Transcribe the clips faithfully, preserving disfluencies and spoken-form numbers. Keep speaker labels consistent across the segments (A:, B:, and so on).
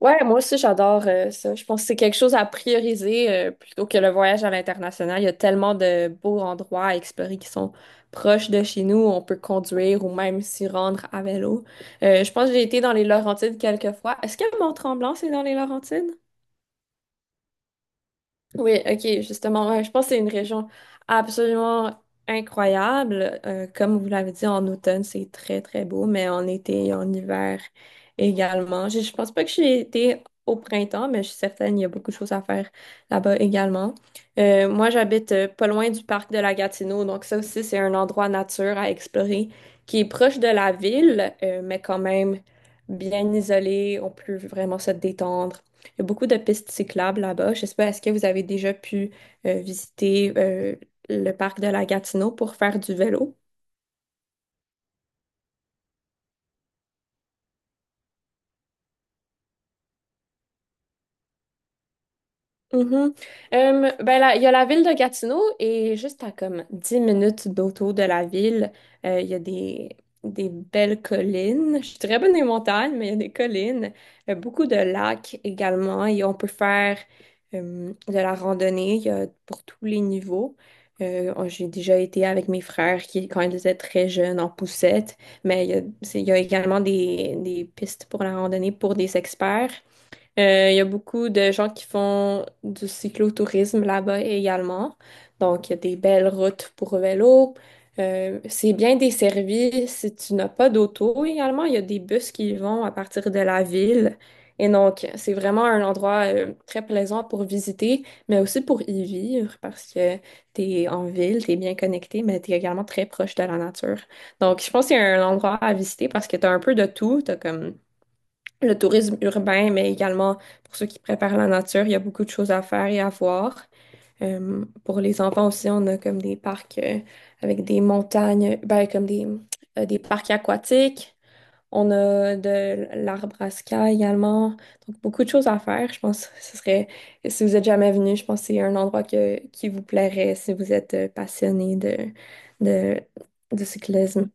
A: Ouais, moi aussi, j'adore euh, ça. Je pense que c'est quelque chose à prioriser euh, plutôt que le voyage à l'international. Il y a tellement de beaux endroits à explorer qui sont proches de chez nous. On peut conduire ou même s'y rendre à vélo. Euh, je pense que j'ai été dans les Laurentides quelques fois. Est-ce que Mont-Tremblant, c'est dans les Laurentides? Oui, ok, justement, ouais, je pense que c'est une région absolument incroyable. Euh, comme vous l'avez dit, en automne, c'est très, très beau, mais en été et en hiver également. Je, je pense pas que j'ai été au printemps, mais je suis certaine qu'il y a beaucoup de choses à faire là-bas également. Euh, moi, j'habite euh, pas loin du parc de la Gatineau, donc ça aussi, c'est un endroit nature à explorer qui est proche de la ville, euh, mais quand même bien isolé. On peut vraiment se détendre, il y a beaucoup de pistes cyclables là-bas. Je sais pas, est-ce que vous avez déjà pu euh, visiter euh, le parc de la Gatineau pour faire du vélo? Mhm. Euh, ben là, il y a la ville de Gatineau et juste à comme dix minutes d'auto de la ville, euh, il y a des, des belles collines. Je suis très bonne des montagnes, mais il y a des collines. Euh, beaucoup de lacs également et on peut faire euh, de la randonnée, il y a pour tous les niveaux. Euh, on- j'ai déjà été avec mes frères qui, quand ils étaient très jeunes, en poussette, mais il y a, c'est- il y a également des, des pistes pour la randonnée pour des experts. Euh, Il y a beaucoup de gens qui font du cyclotourisme là-bas également. Donc, il y a des belles routes pour vélo. Euh, c'est bien desservi. Si tu n'as pas d'auto également, il y a des bus qui vont à partir de la ville. Et donc, c'est vraiment un endroit euh, très plaisant pour visiter, mais aussi pour y vivre parce que tu es en ville, tu es bien connecté, mais tu es également très proche de la nature. Donc, je pense qu'il y a un endroit à visiter parce que tu as un peu de tout. Tu comme le tourisme urbain, mais également pour ceux qui préparent la nature, il y a beaucoup de choses à faire et à voir. Euh, pour les enfants aussi, on a comme des parcs euh, avec des montagnes, ben, comme des, euh, des parcs aquatiques. On a de l'arbre à ska également. Donc, beaucoup de choses à faire. Je pense que ce serait, si vous êtes jamais venu, je pense que c'est un endroit que, qui vous plairait si vous êtes euh, passionné de, de, de cyclisme.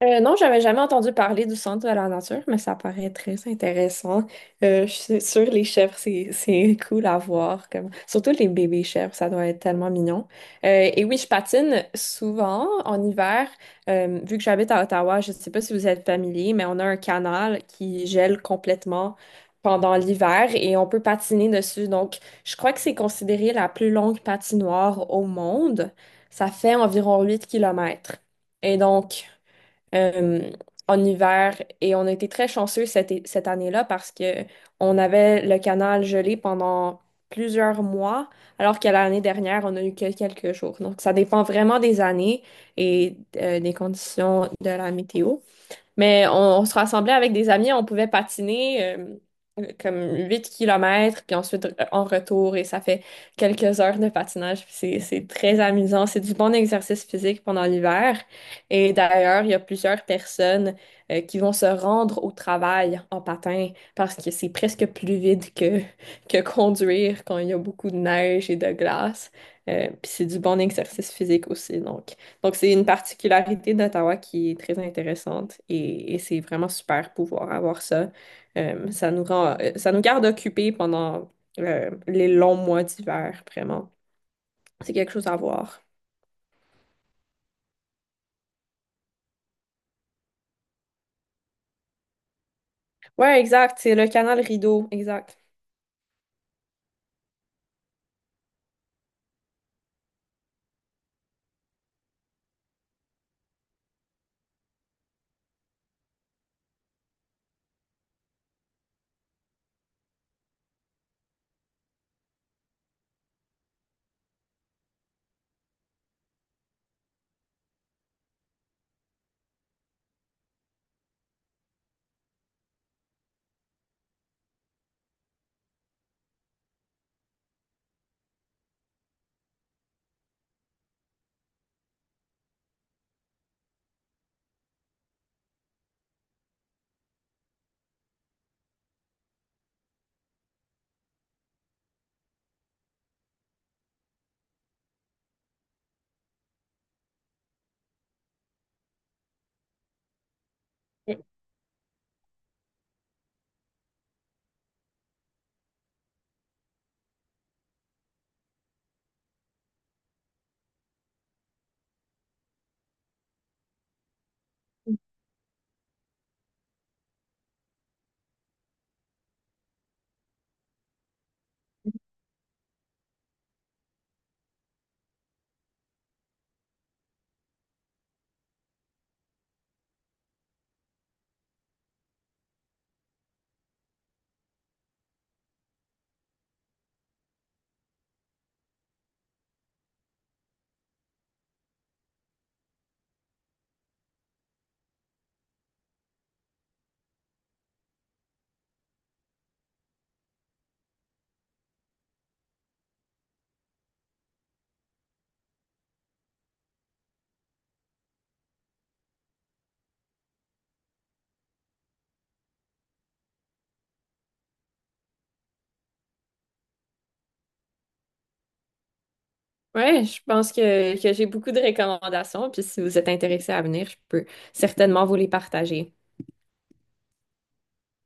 A: Euh, non, j'avais jamais entendu parler du centre de la nature, mais ça paraît très intéressant. Euh, je suis sûre, les chèvres, c'est, c'est cool à voir. Comme, surtout les bébés chèvres, ça doit être tellement mignon. Euh, et oui, je patine souvent en hiver. Euh, vu que j'habite à Ottawa, je ne sais pas si vous êtes familier, mais on a un canal qui gèle complètement pendant l'hiver et on peut patiner dessus. Donc, je crois que c'est considéré la plus longue patinoire au monde. Ça fait environ huit kilomètres. Et donc, euh, en hiver, et on a été très chanceux cette, é- cette année-là parce que on avait le canal gelé pendant plusieurs mois, alors que l'année dernière, on a eu que quelques jours. Donc, ça dépend vraiment des années et euh, des conditions de la météo. Mais on, on se rassemblait avec des amis, on pouvait patiner euh, comme huit kilomètres, puis ensuite euh, en retour, et ça fait quelques heures de patinage. Puis C'est, c'est très amusant. C'est du bon exercice physique pendant l'hiver. Et d'ailleurs, il y a plusieurs personnes euh, qui vont se rendre au travail en patin parce que c'est presque plus vide que, que conduire quand il y a beaucoup de neige et de glace. Euh, puis c'est du bon exercice physique aussi, donc. Donc, c'est une particularité d'Ottawa qui est très intéressante et, et c'est vraiment super pouvoir avoir ça. Euh, ça nous rend, euh, ça nous garde occupés pendant euh, les longs mois d'hiver, vraiment. C'est quelque chose à voir. Ouais, exact. C'est le canal Rideau, exact. Ouais, je pense que, que j'ai beaucoup de recommandations. Puis si vous êtes intéressé à venir, je peux certainement vous les partager.